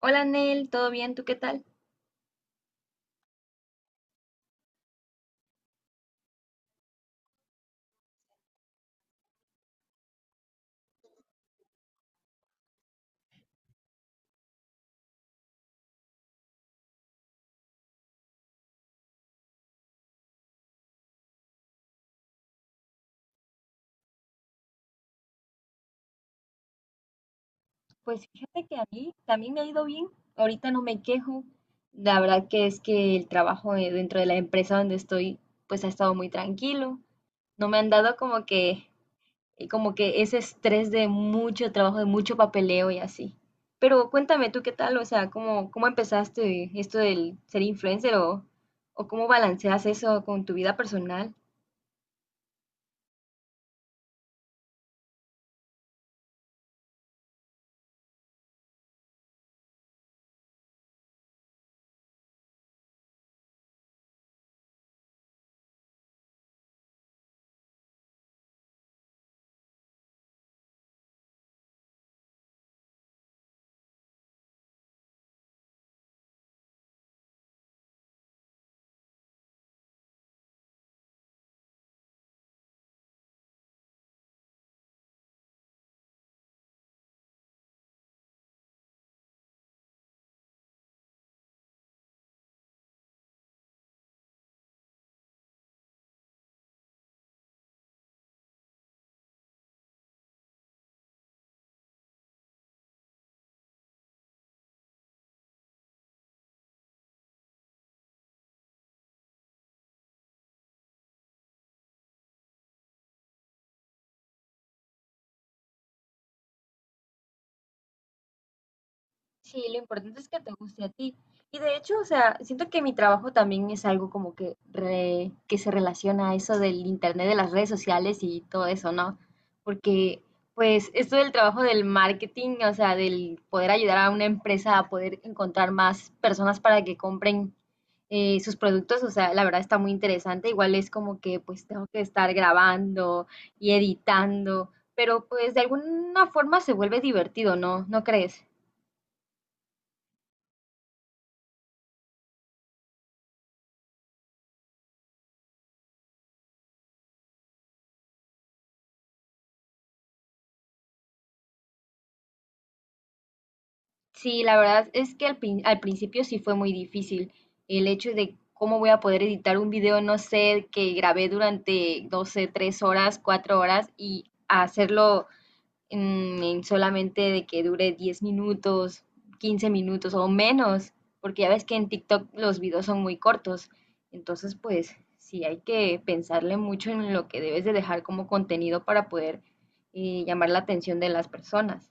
Hola Nel, ¿todo bien? ¿Tú qué tal? Pues fíjate que a mí también me ha ido bien. Ahorita no me quejo. La verdad que es que el trabajo dentro de la empresa donde estoy, pues ha estado muy tranquilo. No me han dado como que, ese estrés de mucho trabajo, de mucho papeleo y así. Pero cuéntame tú qué tal, o sea, ¿cómo empezaste esto del ser influencer o cómo balanceas eso con tu vida personal? Sí, lo importante es que te guste a ti. Y de hecho, o sea, siento que mi trabajo también es algo como que, que se relaciona a eso del internet, de las redes sociales y todo eso, ¿no? Porque, pues, esto del trabajo del marketing, o sea, del poder ayudar a una empresa a poder encontrar más personas para que compren sus productos, o sea, la verdad está muy interesante. Igual es como que, pues, tengo que estar grabando y editando, pero pues de alguna forma se vuelve divertido, ¿no? ¿No crees? Sí, la verdad es que al principio sí fue muy difícil el hecho de cómo voy a poder editar un video, no sé, que grabé durante, 12, 3 horas, 4 horas y hacerlo en solamente de que dure 10 minutos, 15 minutos o menos, porque ya ves que en TikTok los videos son muy cortos. Entonces, pues sí, hay que pensarle mucho en lo que debes de dejar como contenido para poder llamar la atención de las personas.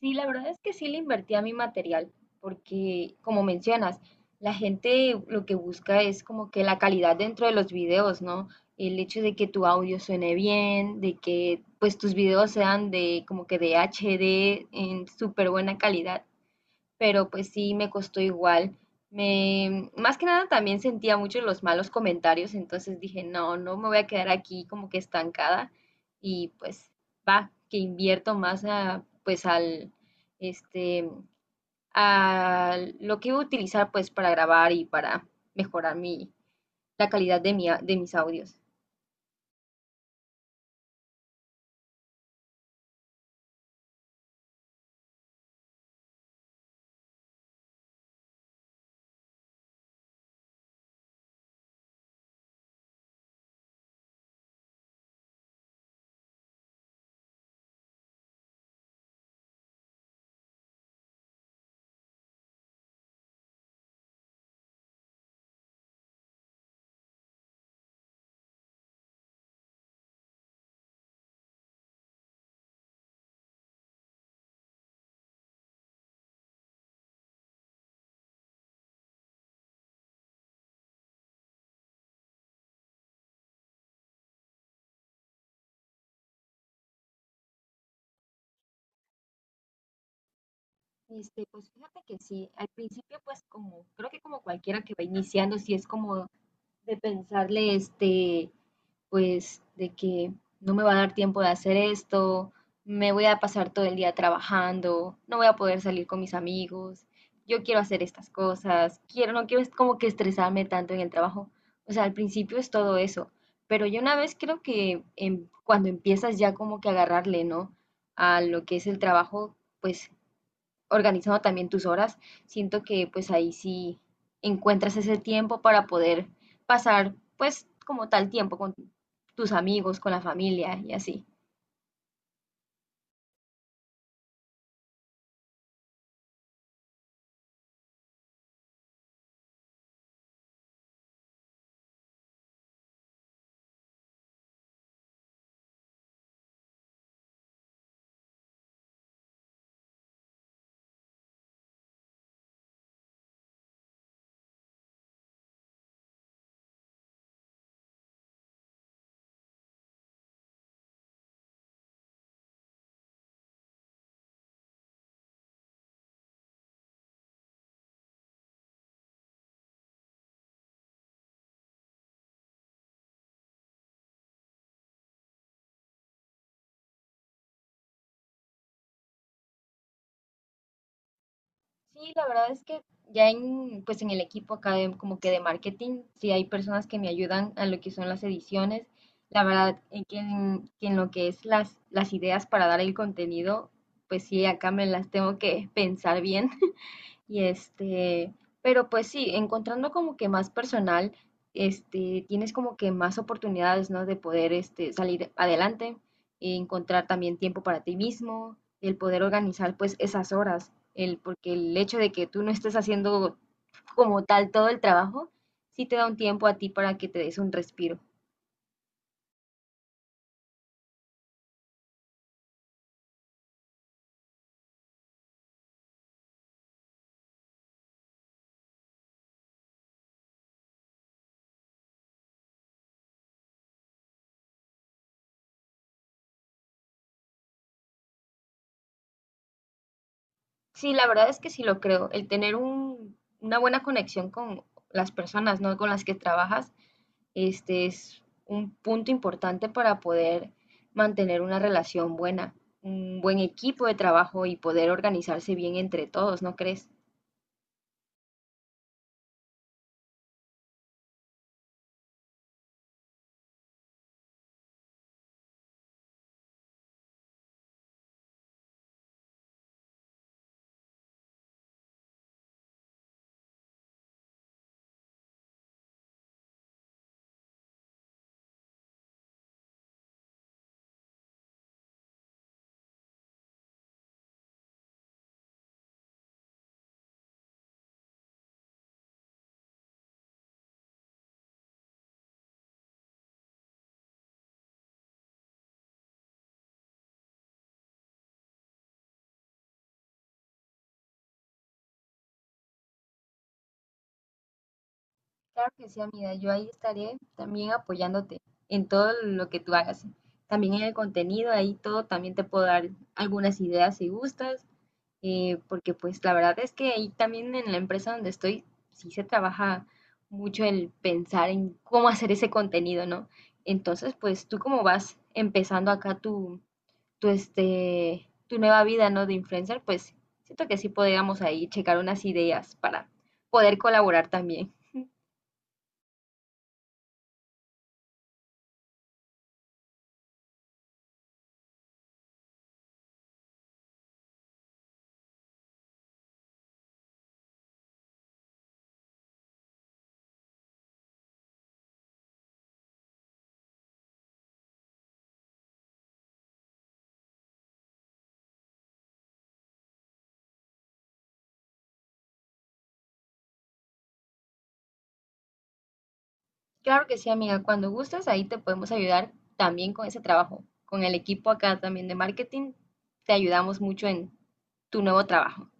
Sí, la verdad es que sí le invertí a mi material, porque como mencionas, la gente lo que busca es como que la calidad dentro de los videos, ¿no? El hecho de que tu audio suene bien, de que pues tus videos sean de como que de HD en súper buena calidad, pero pues sí me costó igual. Más que nada también sentía mucho los malos comentarios, entonces dije, no, no me voy a quedar aquí como que estancada y pues va, que invierto más a, pues al, este, a lo que iba a utilizar pues para grabar y para mejorar mi, la calidad de, mi, de mis audios. Pues fíjate que sí, al principio pues como, creo que como cualquiera que va iniciando, sí es como de pensarle, pues de que no me va a dar tiempo de hacer esto, me voy a pasar todo el día trabajando, no voy a poder salir con mis amigos, yo quiero hacer estas cosas, quiero, no quiero es como que estresarme tanto en el trabajo. O sea, al principio es todo eso, pero yo una vez creo que cuando empiezas ya como que a agarrarle, ¿no? A lo que es el trabajo, pues organizando también tus horas, siento que pues ahí sí encuentras ese tiempo para poder pasar pues como tal tiempo con tus amigos, con la familia y así. Sí, la verdad es que ya en el equipo acá como que de marketing, sí hay personas que me ayudan a lo que son las ediciones. La verdad, en lo que es las ideas para dar el contenido, pues sí, acá me las tengo que pensar bien. Y pero pues sí, encontrando como que más personal, tienes como que más oportunidades, ¿no? De poder, salir adelante, encontrar también tiempo para ti mismo, el poder organizar pues esas horas, porque el hecho de que tú no estés haciendo como tal todo el trabajo, sí te da un tiempo a ti para que te des un respiro. Sí, la verdad es que sí lo creo, el tener una buena conexión con las personas, ¿no? Con las que trabajas. Este es un punto importante para poder mantener una relación buena, un buen equipo de trabajo y poder organizarse bien entre todos, ¿no crees? Claro que sí, amiga, yo ahí estaré también apoyándote en todo lo que tú hagas. También en el contenido, ahí todo, también te puedo dar algunas ideas si gustas, porque pues la verdad es que ahí también en la empresa donde estoy sí se trabaja mucho el pensar en cómo hacer ese contenido, ¿no? Entonces, pues tú como vas empezando acá tu, tu, tu nueva vida, ¿no? De influencer, pues siento que sí podríamos ahí checar unas ideas para poder colaborar también. Claro que sí, amiga, cuando gustes ahí te podemos ayudar también con ese trabajo, con el equipo acá también de marketing, te ayudamos mucho en tu nuevo trabajo.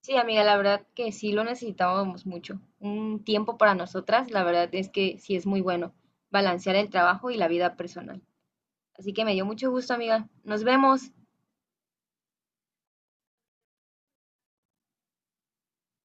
Sí, amiga, la verdad que sí lo necesitábamos mucho. Un tiempo para nosotras, la verdad es que sí es muy bueno balancear el trabajo y la vida personal. Así que me dio mucho gusto, amiga. Nos vemos.